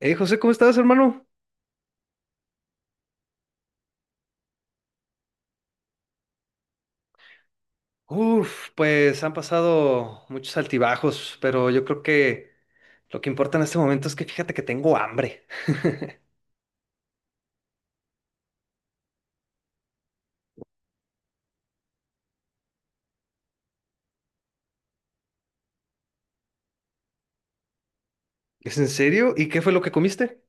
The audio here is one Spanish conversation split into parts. Hey José, ¿cómo estás, hermano? Pues han pasado muchos altibajos, pero yo creo que lo que importa en este momento es que fíjate que tengo hambre. ¿Es en serio? ¿Y qué fue lo que comiste?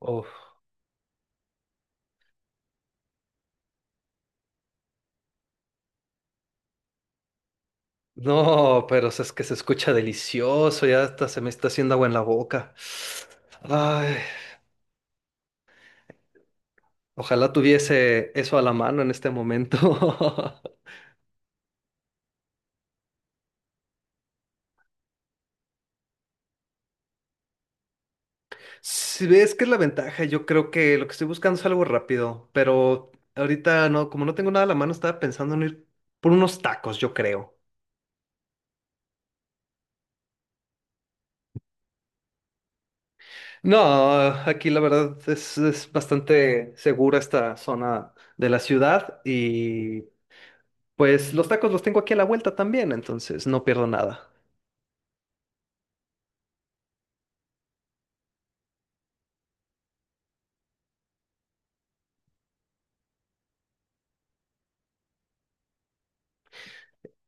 Uf, no, pero es que se escucha delicioso, ya hasta se me está haciendo agua en la boca. Ay, ojalá tuviese eso a la mano en este momento. Si ves que es la ventaja, yo creo que lo que estoy buscando es algo rápido, pero ahorita no, como no tengo nada a la mano, estaba pensando en ir por unos tacos, yo creo. No, aquí la verdad es bastante segura esta zona de la ciudad y pues los tacos los tengo aquí a la vuelta también, entonces no pierdo nada.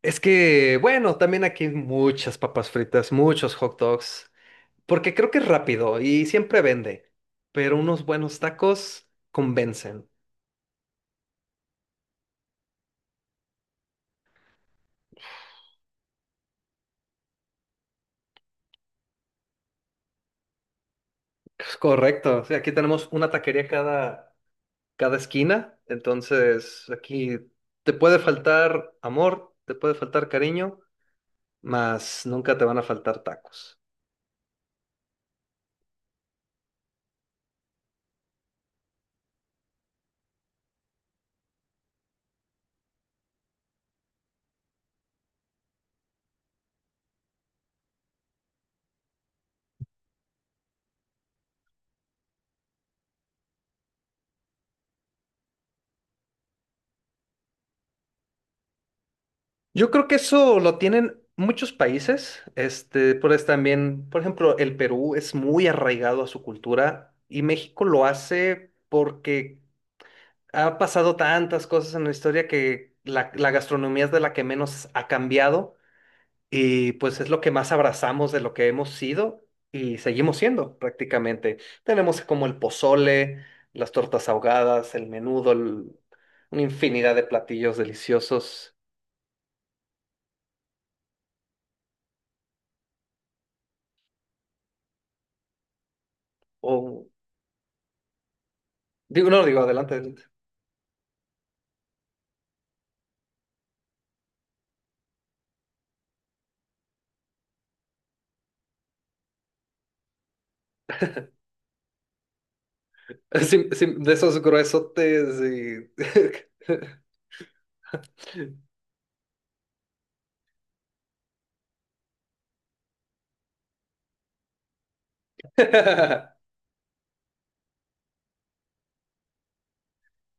Es que, bueno, también aquí hay muchas papas fritas, muchos hot dogs, porque creo que es rápido y siempre vende, pero unos buenos tacos convencen. Correcto. Sí, aquí tenemos una taquería cada esquina. Entonces, aquí te puede faltar amor, te puede faltar cariño, mas nunca te van a faltar tacos. Yo creo que eso lo tienen muchos países. Este, por eso también, por ejemplo, el Perú es muy arraigado a su cultura y México lo hace porque ha pasado tantas cosas en la historia que la gastronomía es de la que menos ha cambiado. Y pues es lo que más abrazamos de lo que hemos sido y seguimos siendo prácticamente. Tenemos como el pozole, las tortas ahogadas, el menudo, una infinidad de platillos deliciosos. O, digo, no, digo, adelante, adelante. Sí, sí, de esos gruesotes y...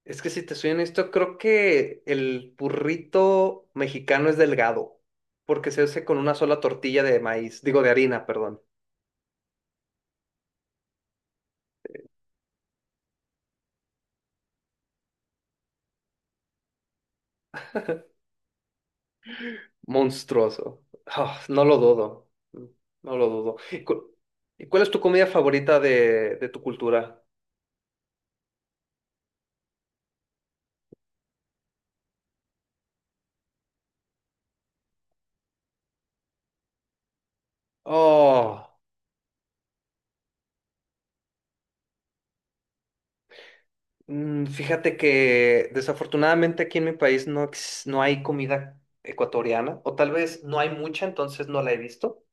Es que si te soy honesto, creo que el burrito mexicano es delgado, porque se hace con una sola tortilla de maíz, digo de harina, perdón. Monstruoso. Ah, no lo dudo. No lo dudo. ¿Y cuál es tu comida favorita de tu cultura? Oh, fíjate que desafortunadamente aquí en mi país no, no hay comida ecuatoriana, o tal vez no hay mucha, entonces no la he visto,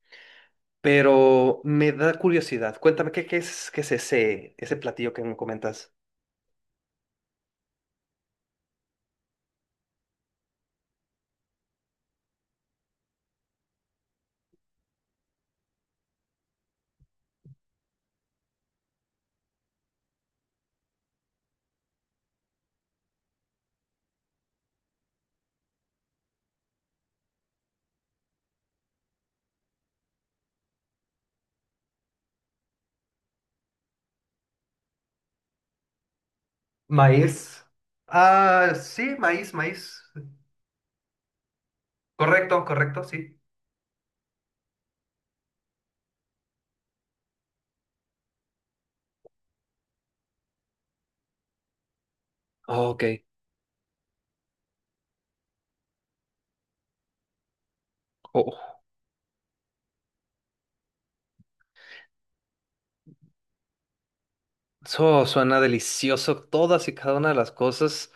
pero me da curiosidad. Cuéntame, ¿qué es ese platillo que me comentas? Maíz. Ah, sí, maíz, maíz. Correcto, correcto, sí. Oh, ok. Eso suena delicioso, todas y cada una de las cosas.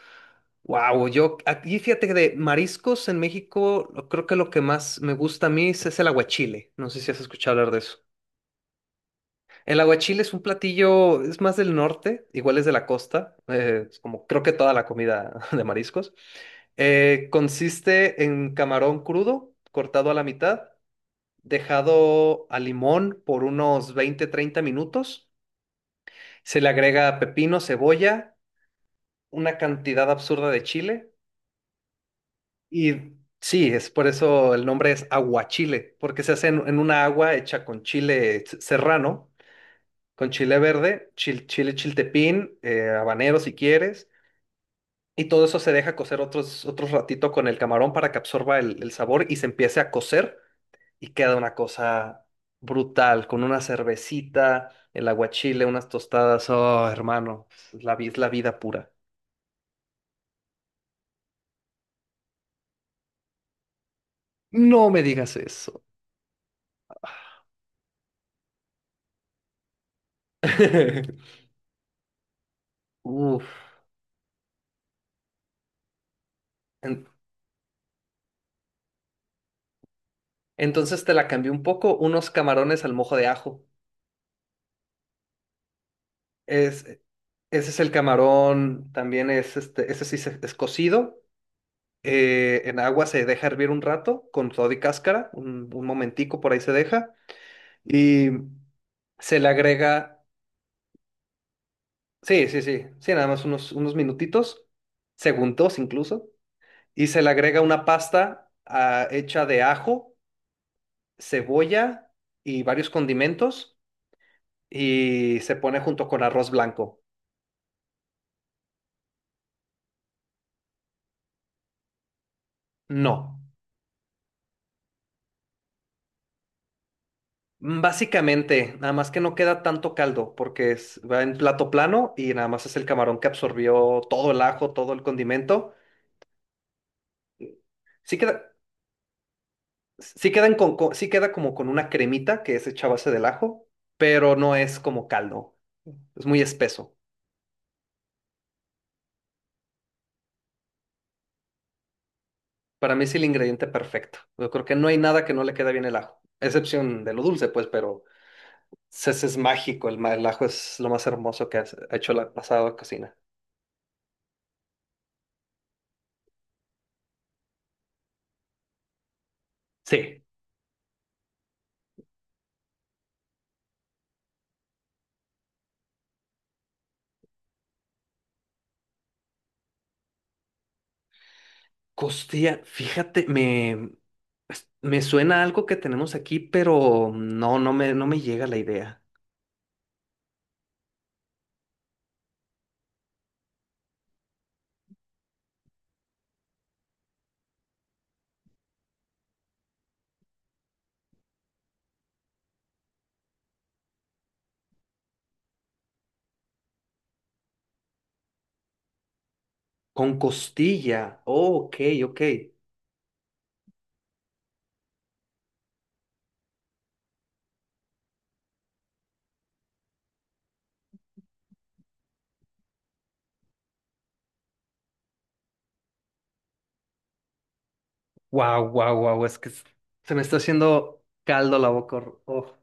Wow, yo aquí fíjate que de mariscos en México, creo que lo que más me gusta a mí es el aguachile. No sé si has escuchado hablar de eso. El aguachile es un platillo, es más del norte, igual es de la costa, es como creo que toda la comida de mariscos. Consiste en camarón crudo, cortado a la mitad, dejado a limón por unos 20 30 minutos. Se le agrega pepino, cebolla, una cantidad absurda de chile. Y sí, es por eso el nombre es aguachile, porque se hace en una agua hecha con serrano, con chile verde, chile chiltepín, habanero si quieres, y todo eso se deja cocer otros ratito con el camarón para que absorba el sabor y se empiece a cocer y queda una cosa brutal, con una cervecita, el aguachile, unas tostadas, oh hermano, es la vida pura. No me digas eso. Uf. En- Entonces te la cambié un poco, unos camarones al mojo de ajo. Es, e, Ese es el camarón, también es este, es cocido. Eh, en agua se deja hervir un rato con todo y cáscara, un momentico por ahí se deja. Y se le agrega, sí, sí, sí, sí, nada más unos minutitos, segundos incluso. Y se le agrega una pasta hecha de ajo, cebolla y varios condimentos y se pone junto con arroz blanco. No, básicamente, nada más que no queda tanto caldo porque va en plato plano y nada más es el camarón que absorbió todo el ajo, todo el condimento. Sí queda, sí quedan sí queda como con una cremita que es hecha a base del ajo, pero no es como caldo. Es muy espeso. Para mí es el ingrediente perfecto. Yo creo que no hay nada que no le quede bien el ajo, excepción de lo dulce, pues, pero ese es mágico. El ajo es lo más hermoso que ha hecho la pasada cocina. Sí. Costilla, fíjate, me suena algo que tenemos aquí, pero no, no me, no me llega la idea. Con costilla. Oh, ok, ok. Wow, wow, wow. Es que se me está haciendo caldo la boca. Hor- oh.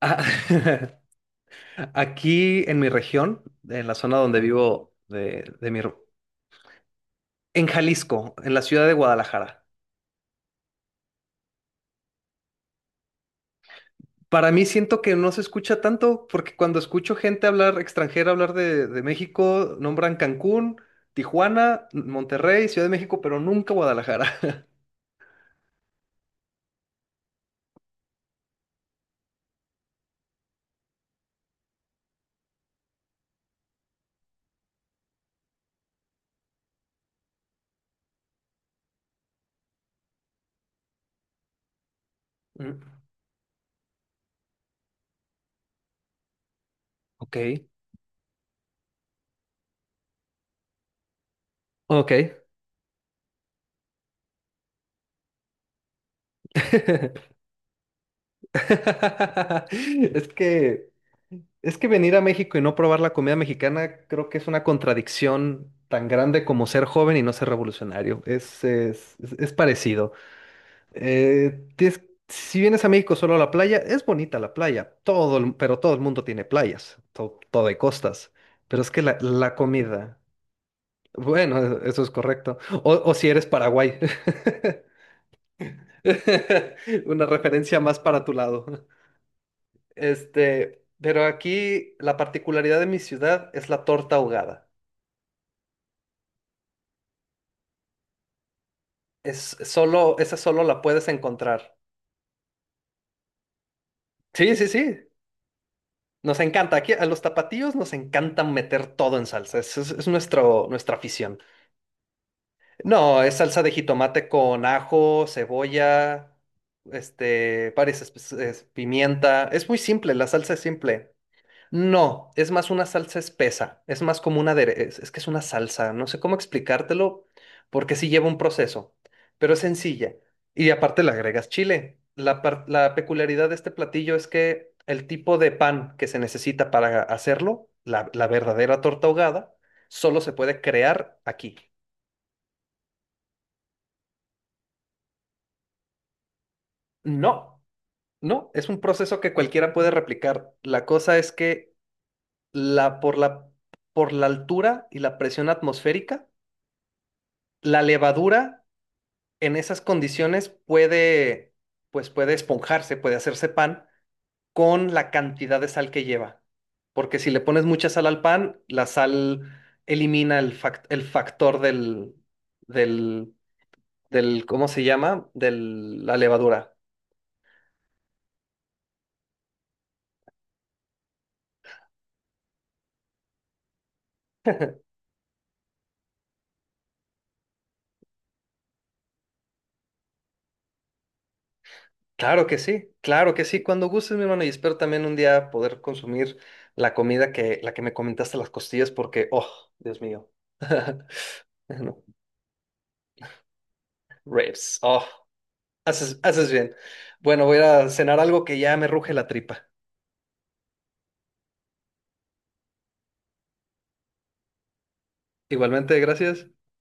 Ah, Aquí en mi región, en la zona donde vivo, en Jalisco, en la ciudad de Guadalajara. Para mí siento que no se escucha tanto, porque cuando escucho gente hablar, extranjera hablar de México, nombran Cancún, Tijuana, Monterrey, Ciudad de México, pero nunca Guadalajara. Mm, ok, ok. Es que, es que venir a México y no probar la comida mexicana creo que es una contradicción tan grande como ser joven y no ser revolucionario. Es parecido. Eh, tienes- si vienes a México solo a la playa, es bonita la playa, pero todo el mundo tiene playas, todo hay costas. Pero es que la comida, bueno, eso es correcto. O si eres Paraguay, una referencia más para tu lado. Este, pero aquí la particularidad de mi ciudad es la torta ahogada. Es solo, esa solo la puedes encontrar. Sí, sí, sí. Nos encanta, aquí a los tapatíos nos encanta meter todo en salsa, es nuestra afición. No, es salsa de jitomate con ajo, cebolla, este, pimienta. Es muy simple, la salsa es simple. No, es más una salsa espesa, es más como una adere- es que es una salsa, no sé cómo explicártelo porque sí lleva un proceso, pero es sencilla. Y aparte le agregas chile. La peculiaridad de este platillo es que el tipo de pan que se necesita para hacerlo, la verdadera torta ahogada, solo se puede crear aquí. No, no, es un proceso que cualquiera puede replicar. La cosa es que la, por la, por la altura y la presión atmosférica, la levadura en esas condiciones puede, pues puede esponjarse, puede hacerse pan con la cantidad de sal que lleva. Porque si le pones mucha sal al pan, la sal elimina el, el factor del, del, ¿cómo se llama? De la levadura. Claro que sí, claro que sí. Cuando gustes, mi hermano, y espero también un día poder consumir la comida que, la que me comentaste, las costillas, porque, oh, Dios mío. Bueno, ribs, oh. Haces, haces bien. Bueno, voy a ir a cenar algo que ya me ruge la tripa. Igualmente, gracias.